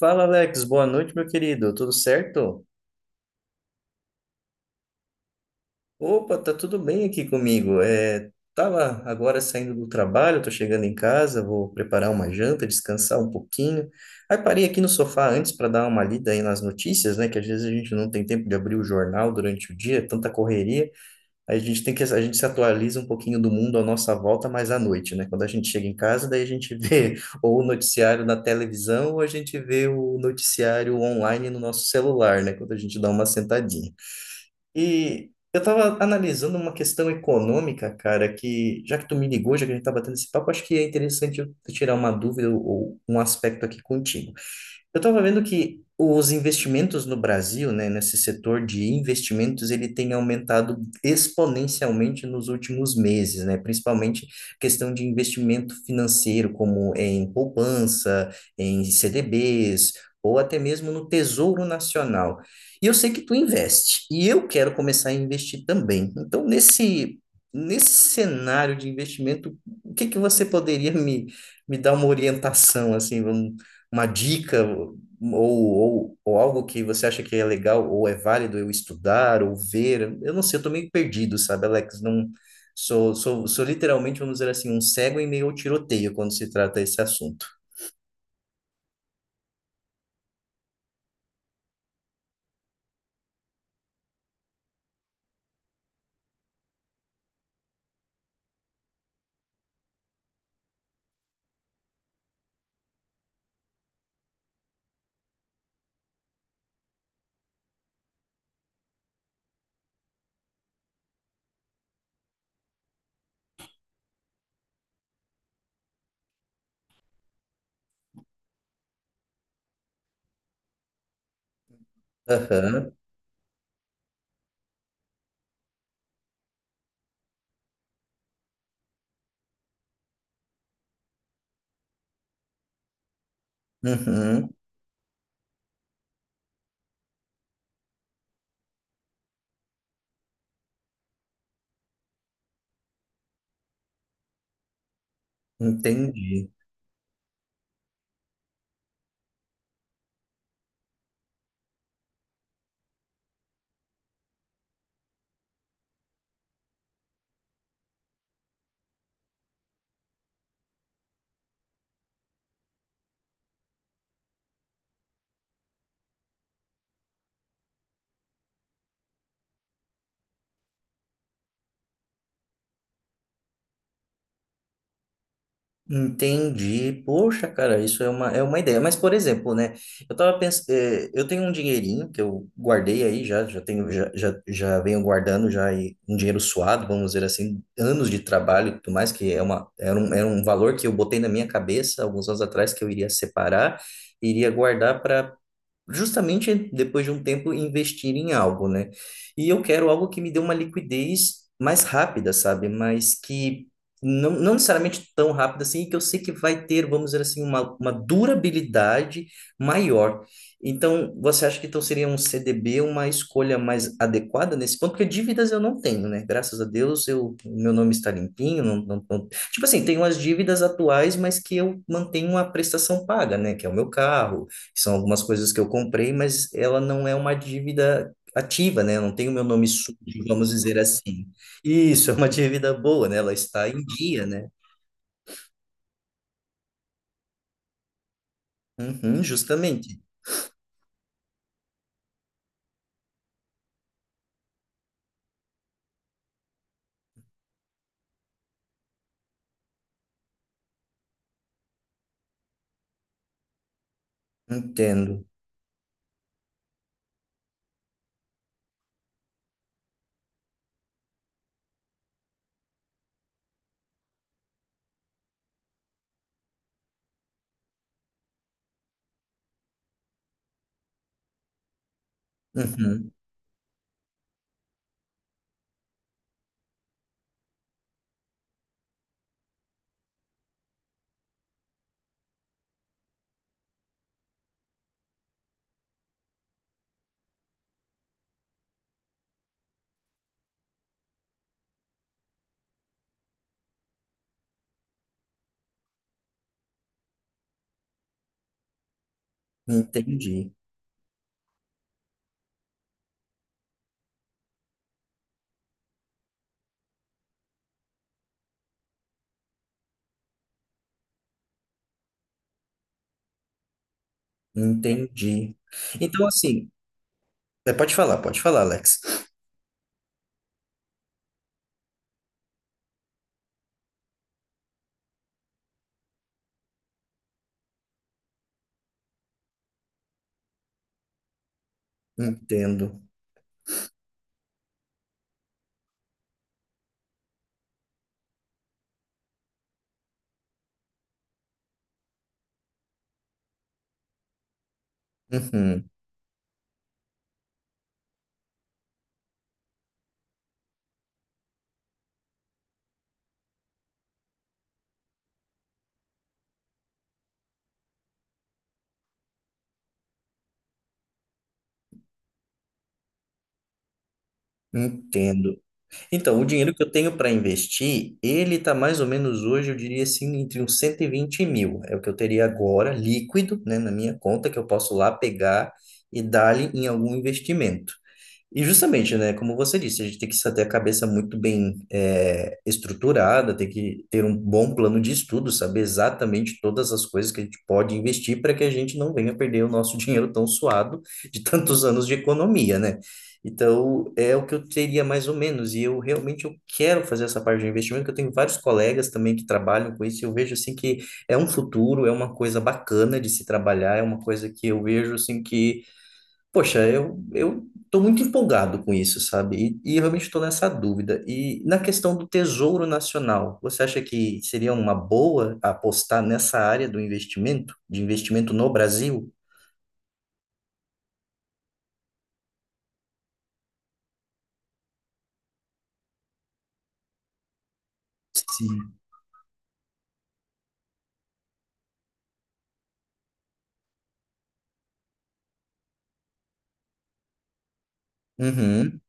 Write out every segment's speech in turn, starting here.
Fala, Alex. Boa noite, meu querido. Tudo certo? Opa, tá tudo bem aqui comigo. É, tava agora saindo do trabalho, tô chegando em casa, vou preparar uma janta, descansar um pouquinho. Aí parei aqui no sofá antes para dar uma lida aí nas notícias, né? Que às vezes a gente não tem tempo de abrir o jornal durante o dia, é tanta correria. A gente se atualiza um pouquinho do mundo à nossa volta, mas à noite, né? Quando a gente chega em casa, daí a gente vê ou o noticiário na televisão, ou a gente vê o noticiário online no nosso celular, né? Quando a gente dá uma sentadinha. E eu estava analisando uma questão econômica, cara, que já que tu me ligou, já que a gente está batendo esse papo, acho que é interessante eu tirar uma dúvida ou um aspecto aqui contigo. Eu estava vendo que os investimentos no Brasil, né, nesse setor de investimentos, ele tem aumentado exponencialmente nos últimos meses, né, principalmente questão de investimento financeiro, como em poupança, em CDBs, ou até mesmo no Tesouro Nacional. E eu sei que tu investe, e eu quero começar a investir também. Então, nesse cenário de investimento, o que que você poderia me dar uma orientação, assim, vamos uma dica ou algo que você acha que é legal ou é válido eu estudar ou ver? Eu não sei, eu tô meio perdido, sabe, Alex? Não sou literalmente, vamos dizer assim, um cego em meio ao tiroteio quando se trata esse assunto. Aham, uhum, entendi. Entendi. Poxa, cara, isso é uma ideia. Mas, por exemplo, né? Eu tava pensando, eu tenho um dinheirinho que eu guardei aí já, já venho guardando já e um dinheiro suado, vamos dizer assim, anos de trabalho e tudo mais, que era um valor que eu botei na minha cabeça alguns anos atrás que eu iria separar, iria guardar para justamente depois de um tempo investir em algo, né? E eu quero algo que me dê uma liquidez mais rápida, sabe? Mas que não necessariamente tão rápida assim, que eu sei que vai ter, vamos dizer assim, uma durabilidade maior. Então, você acha que então seria um CDB uma escolha mais adequada nesse ponto? Porque dívidas eu não tenho, né? Graças a Deus, eu, meu nome está limpinho, tipo assim, tenho as dívidas atuais, mas que eu mantenho a prestação paga, né? Que é o meu carro, são algumas coisas que eu comprei, mas ela não é uma dívida ativa, né? Eu não tem o meu nome sujo, vamos dizer assim. Isso, é uma dívida boa, né? Ela está em dia, né? Uhum, justamente. Entendo. Uhum, entendi. Entendi. Então, assim, é, pode falar, Alex. Entendo. Uhum, entendo. Então, o dinheiro que eu tenho para investir, ele tá mais ou menos hoje, eu diria assim, entre uns 120 mil. É o que eu teria agora, líquido, né, na minha conta, que eu posso lá pegar e dar-lhe em algum investimento. E justamente, né, como você disse, a gente tem que ter a cabeça muito bem estruturada, tem que ter um bom plano de estudo, saber exatamente todas as coisas que a gente pode investir para que a gente não venha perder o nosso dinheiro tão suado de tantos anos de economia, né? Então, é o que eu teria mais ou menos, e eu realmente eu quero fazer essa parte de investimento, que eu tenho vários colegas também que trabalham com isso, e eu vejo assim que é um futuro, é uma coisa bacana de se trabalhar, é uma coisa que eu vejo assim que poxa, eu tô muito empolgado com isso, sabe? E eu realmente estou nessa dúvida. E na questão do Tesouro Nacional, você acha que seria uma boa apostar nessa área do investimento, de investimento no Brasil? Sim. Uhum.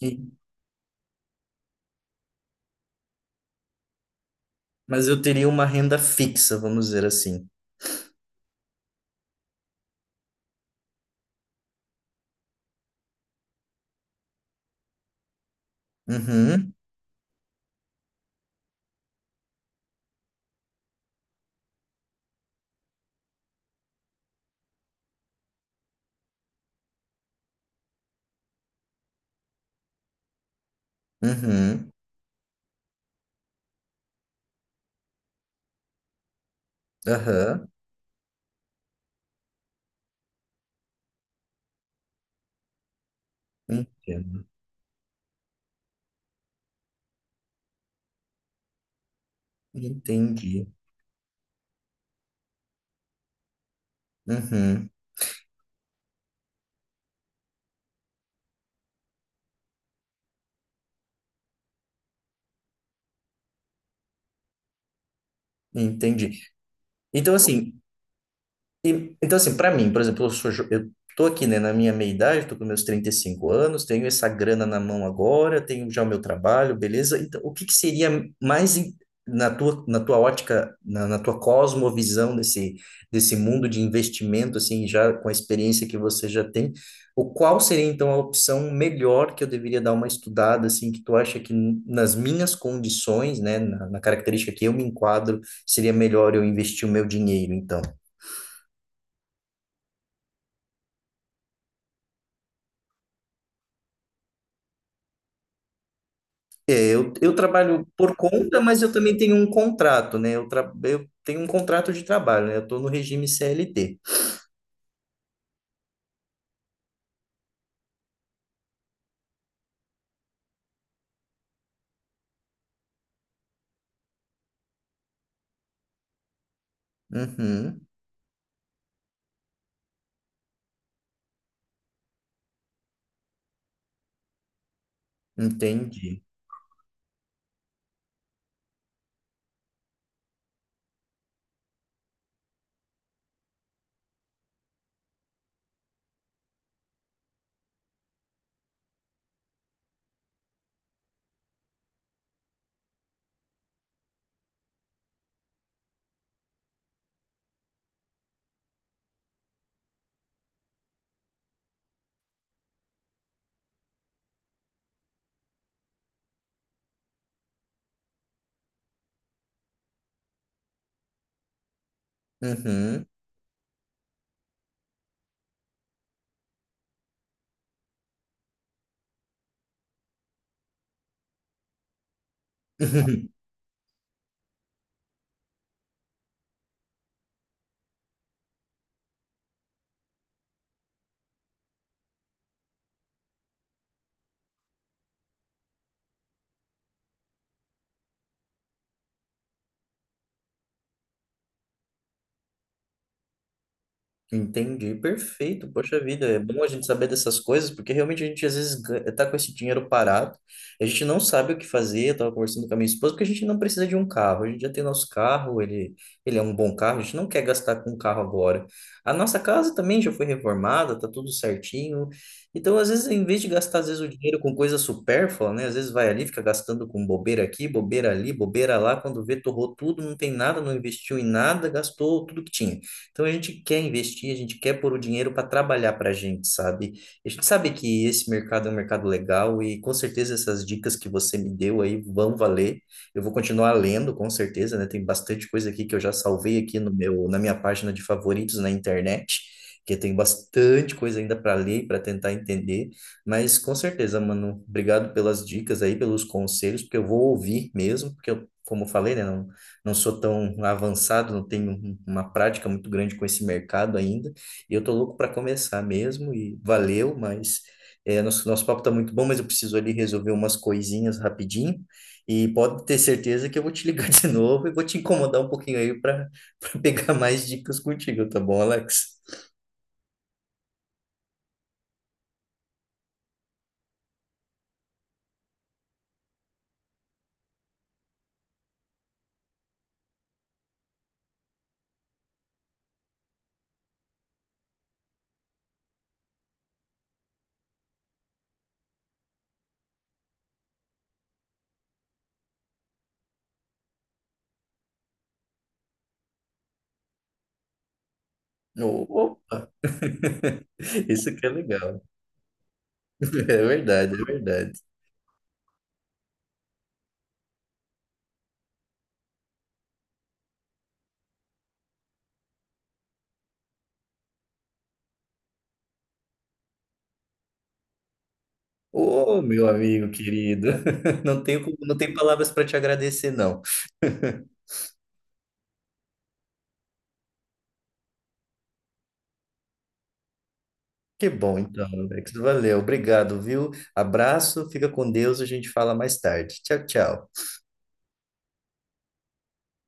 E- mas eu teria uma renda fixa, vamos dizer assim. Uhum, uhum, aham, entendo. Entendi. Uhum, entendi. Então, assim, e, então, assim, para mim, por exemplo, eu tô aqui, né, na minha meia-idade, tô com meus 35 anos, tenho essa grana na mão agora, tenho já o meu trabalho, beleza? Então, o que que seria na tua ótica, na tua cosmovisão desse mundo de investimento, assim, já com a experiência que você já tem, o qual seria, então, a opção melhor que eu deveria dar uma estudada, assim, que tu acha que nas minhas condições, né, na característica que eu me enquadro, seria melhor eu investir o meu dinheiro, então? É, eu trabalho por conta, mas eu também tenho um contrato, né? Eu tenho um contrato de trabalho, né? Eu estou no regime CLT. Uhum, entendi. Uhum. Entendi, perfeito. Poxa vida, é bom a gente saber dessas coisas, porque realmente a gente às vezes tá com esse dinheiro parado, a gente não sabe o que fazer. Eu tava conversando com a minha esposa, porque a gente não precisa de um carro, a gente já tem nosso carro, ele é um bom carro, a gente não quer gastar com um carro agora. A nossa casa também já foi reformada, tá tudo certinho. Então, às vezes, em vez de gastar às vezes o dinheiro com coisa supérflua, né? Às vezes vai ali, fica gastando com bobeira aqui, bobeira ali, bobeira lá, quando vê, torrou tudo, não tem nada, não investiu em nada, gastou tudo que tinha. Então a gente quer investir, a gente quer pôr o dinheiro para trabalhar para a gente, sabe? A gente sabe que esse mercado é um mercado legal e com certeza essas dicas que você me deu aí vão valer. Eu vou continuar lendo, com certeza, né? Tem bastante coisa aqui que eu já salvei aqui no meu, na minha página de favoritos na internet. Que tem bastante coisa ainda para ler, para tentar entender, mas com certeza, mano, obrigado pelas dicas aí, pelos conselhos, porque eu vou ouvir mesmo, porque eu, como eu falei, né, não sou tão avançado, não tenho uma prática muito grande com esse mercado ainda, e eu tô louco para começar mesmo, e valeu, mas é, nosso papo tá muito bom, mas eu preciso ali resolver umas coisinhas rapidinho, e pode ter certeza que eu vou te ligar de novo e vou te incomodar um pouquinho aí para pegar mais dicas contigo, tá bom, Alex? Opa, isso que é legal. É verdade, é verdade. Ô, meu amigo querido, não tenho, não tenho palavras para te agradecer, não. Que bom, então, Alex. Valeu, obrigado, viu? Abraço, fica com Deus, a gente fala mais tarde. Tchau, tchau.